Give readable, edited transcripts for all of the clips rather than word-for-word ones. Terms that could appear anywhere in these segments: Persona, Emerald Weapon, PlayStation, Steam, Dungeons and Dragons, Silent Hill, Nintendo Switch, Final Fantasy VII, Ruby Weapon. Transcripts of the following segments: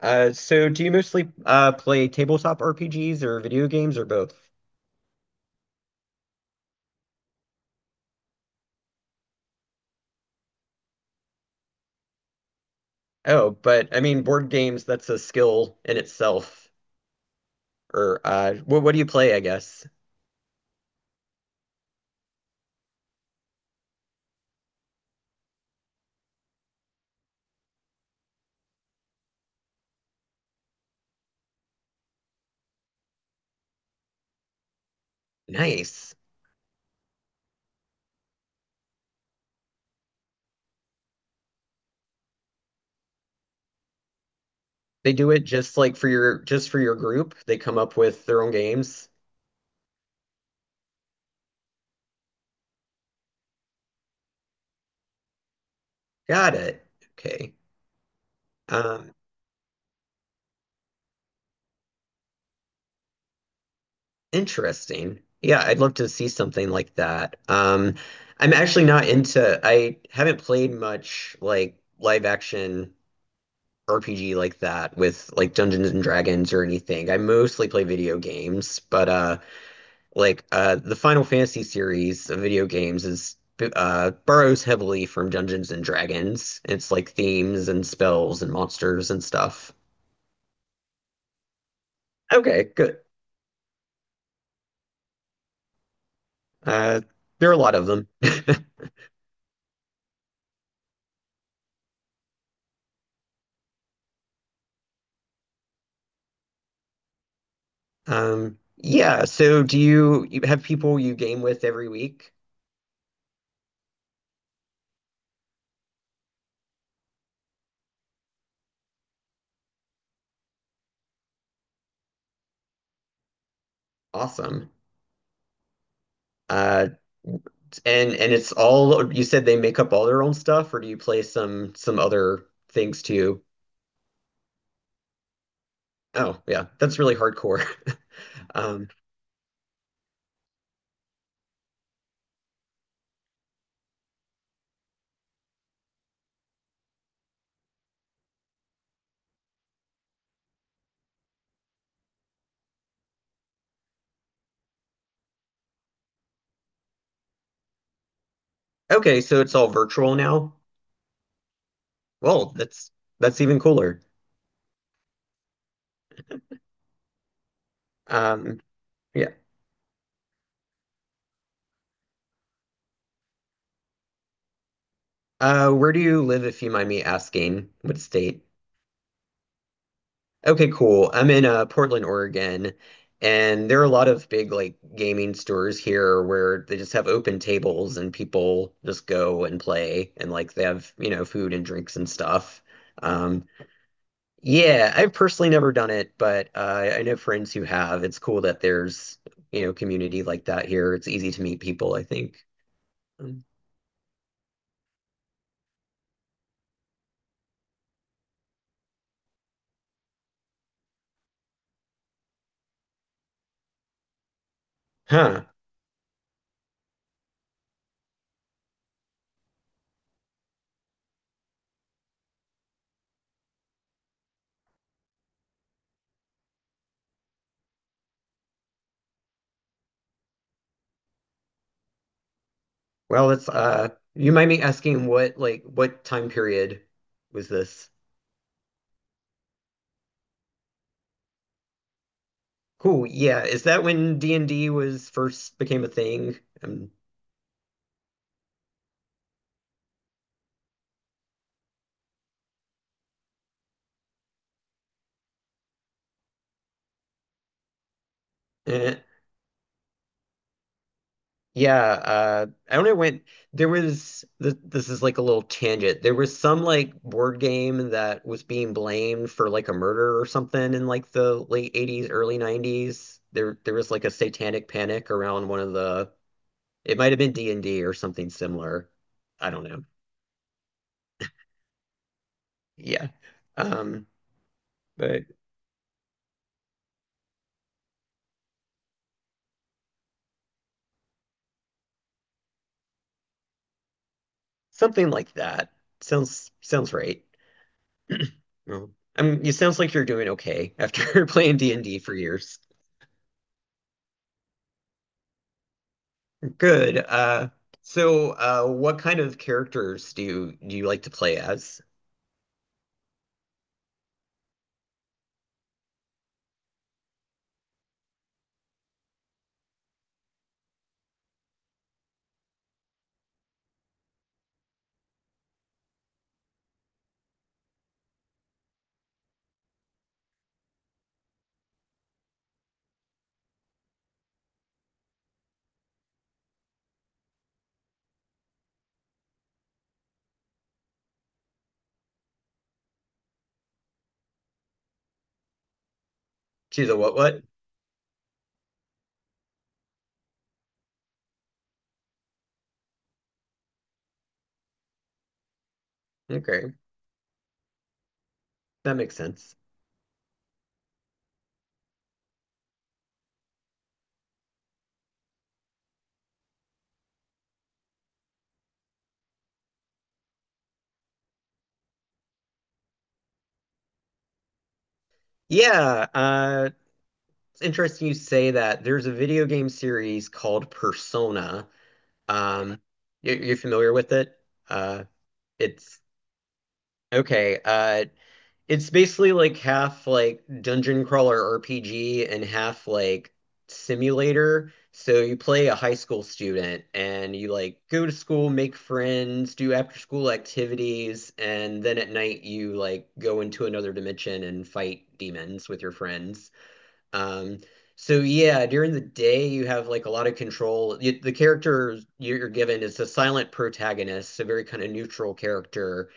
So do you mostly play tabletop RPGs or video games or both? Oh, but I mean board games, that's a skill in itself. Or what do you play, I guess? Nice. They do it just like for your group. They come up with their own games. Got it. Okay. Um, Interesting. Yeah, I'd love to see something like that. I'm actually not into I haven't played much like live action RPG like that with like Dungeons and Dragons or anything. I mostly play video games, but like the Final Fantasy series of video games is borrows heavily from Dungeons and Dragons. It's like themes and spells and monsters and stuff. Okay, good. Uh, there are a lot of them. Yeah, so do you have people you game with every week? Awesome. Uh, and it's all, you said they make up all their own stuff, or do you play some other things too? Oh, yeah, that's really hardcore. Um, okay, so it's all virtual now. Well, that's even cooler. Um, yeah. Where do you live, if you mind me asking? What state? Okay, cool. I'm in Portland, Oregon, and there are a lot of big like gaming stores here where they just have open tables and people just go and play and like they have, you know, food and drinks and stuff. Um, yeah, I've personally never done it, but I know friends who have. It's cool that there's, you know, community like that here. It's easy to meet people, I think. Um, huh. Well, it's you might be asking what, like what time period was this? Cool. Yeah. Is that when D&D was first became a thing? Eh. Yeah, I don't know when there was th this is like a little tangent. There was some like board game that was being blamed for like a murder or something in like the late 80s, early 90s. There was like a satanic panic around one of the, it might have been D&D or something similar. I don't know. Yeah. Um, but something like that. Sounds right. Well, I mean, it sounds like you're doing okay after playing D&D for years. Good. So, what kind of characters do you like to play as? To the, what? Okay, that makes sense. Yeah, it's interesting you say that. There's a video game series called Persona. Um, you're familiar with it? Uh, it's okay. It's basically like half like dungeon crawler RPG and half like simulator. So you play a high school student and you like go to school, make friends, do after school activities, and then at night you like go into another dimension and fight demons with your friends. Um, so yeah, during the day you have like a lot of control. The character you're given is a silent protagonist, a very kind of neutral character,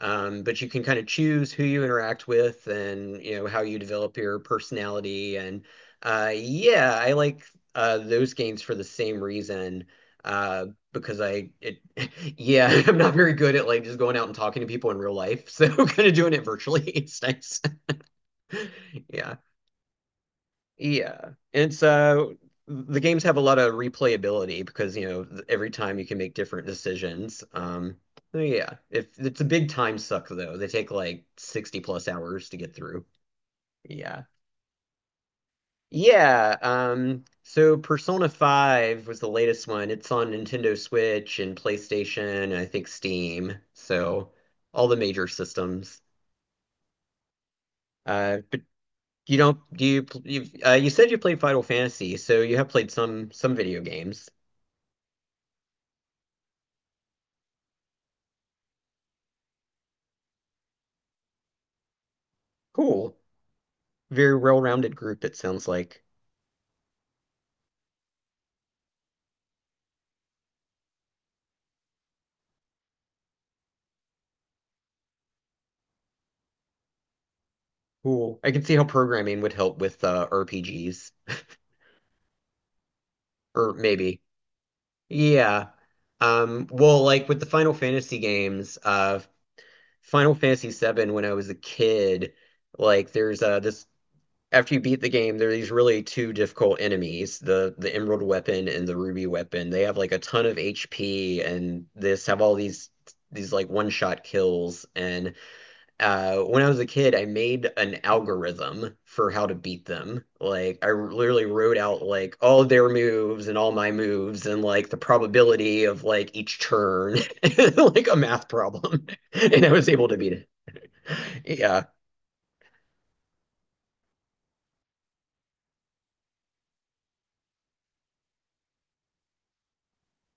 but you can kind of choose who you interact with and you know how you develop your personality. And yeah, I like those games for the same reason. Because I it yeah, I'm not very good at like just going out and talking to people in real life. So kind of doing it virtually. It's nice. Yeah. Yeah. And so the games have a lot of replayability because, you know, every time you can make different decisions. So yeah. If it's a big time suck though. They take like 60 plus hours to get through. Yeah. Yeah, so Persona 5 was the latest one. It's on Nintendo Switch and PlayStation and I think Steam. So all the major systems. But you don't, you've, you said you played Final Fantasy, so you have played some video games. Cool. Very well-rounded group, it sounds like. Cool. I can see how programming would help with RPGs, or maybe. Yeah. Well, like with the Final Fantasy games, Final Fantasy VII, when I was a kid, like there's this after you beat the game, there are these really two difficult enemies, the Emerald Weapon and the Ruby Weapon. They have like a ton of HP and this have all these like one-shot kills. And when I was a kid, I made an algorithm for how to beat them. Like I literally wrote out like all of their moves and all my moves and like the probability of like each turn, like a math problem. And I was able to beat it. Yeah.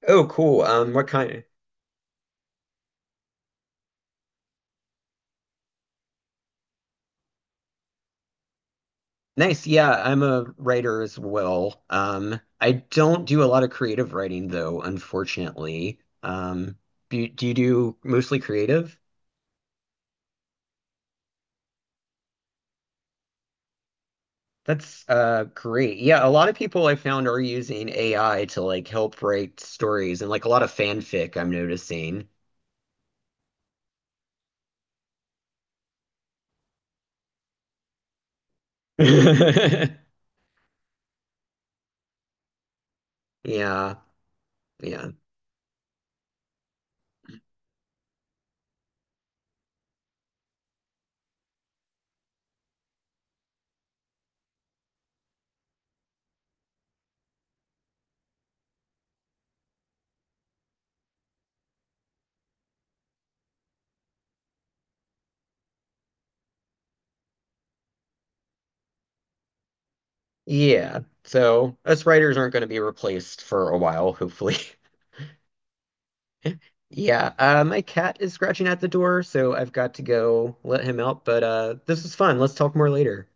Oh, cool. What kind. Nice. Yeah, I'm a writer as well. I don't do a lot of creative writing though, unfortunately. Do you do mostly creative? That's great. Yeah, a lot of people I found are using AI to like help write stories and like a lot of fanfic I'm noticing. Yeah, yeah. Yeah. So us writers aren't going to be replaced for a while, hopefully. Yeah, my cat is scratching at the door, so I've got to go let him out, but this was fun. Let's talk more later.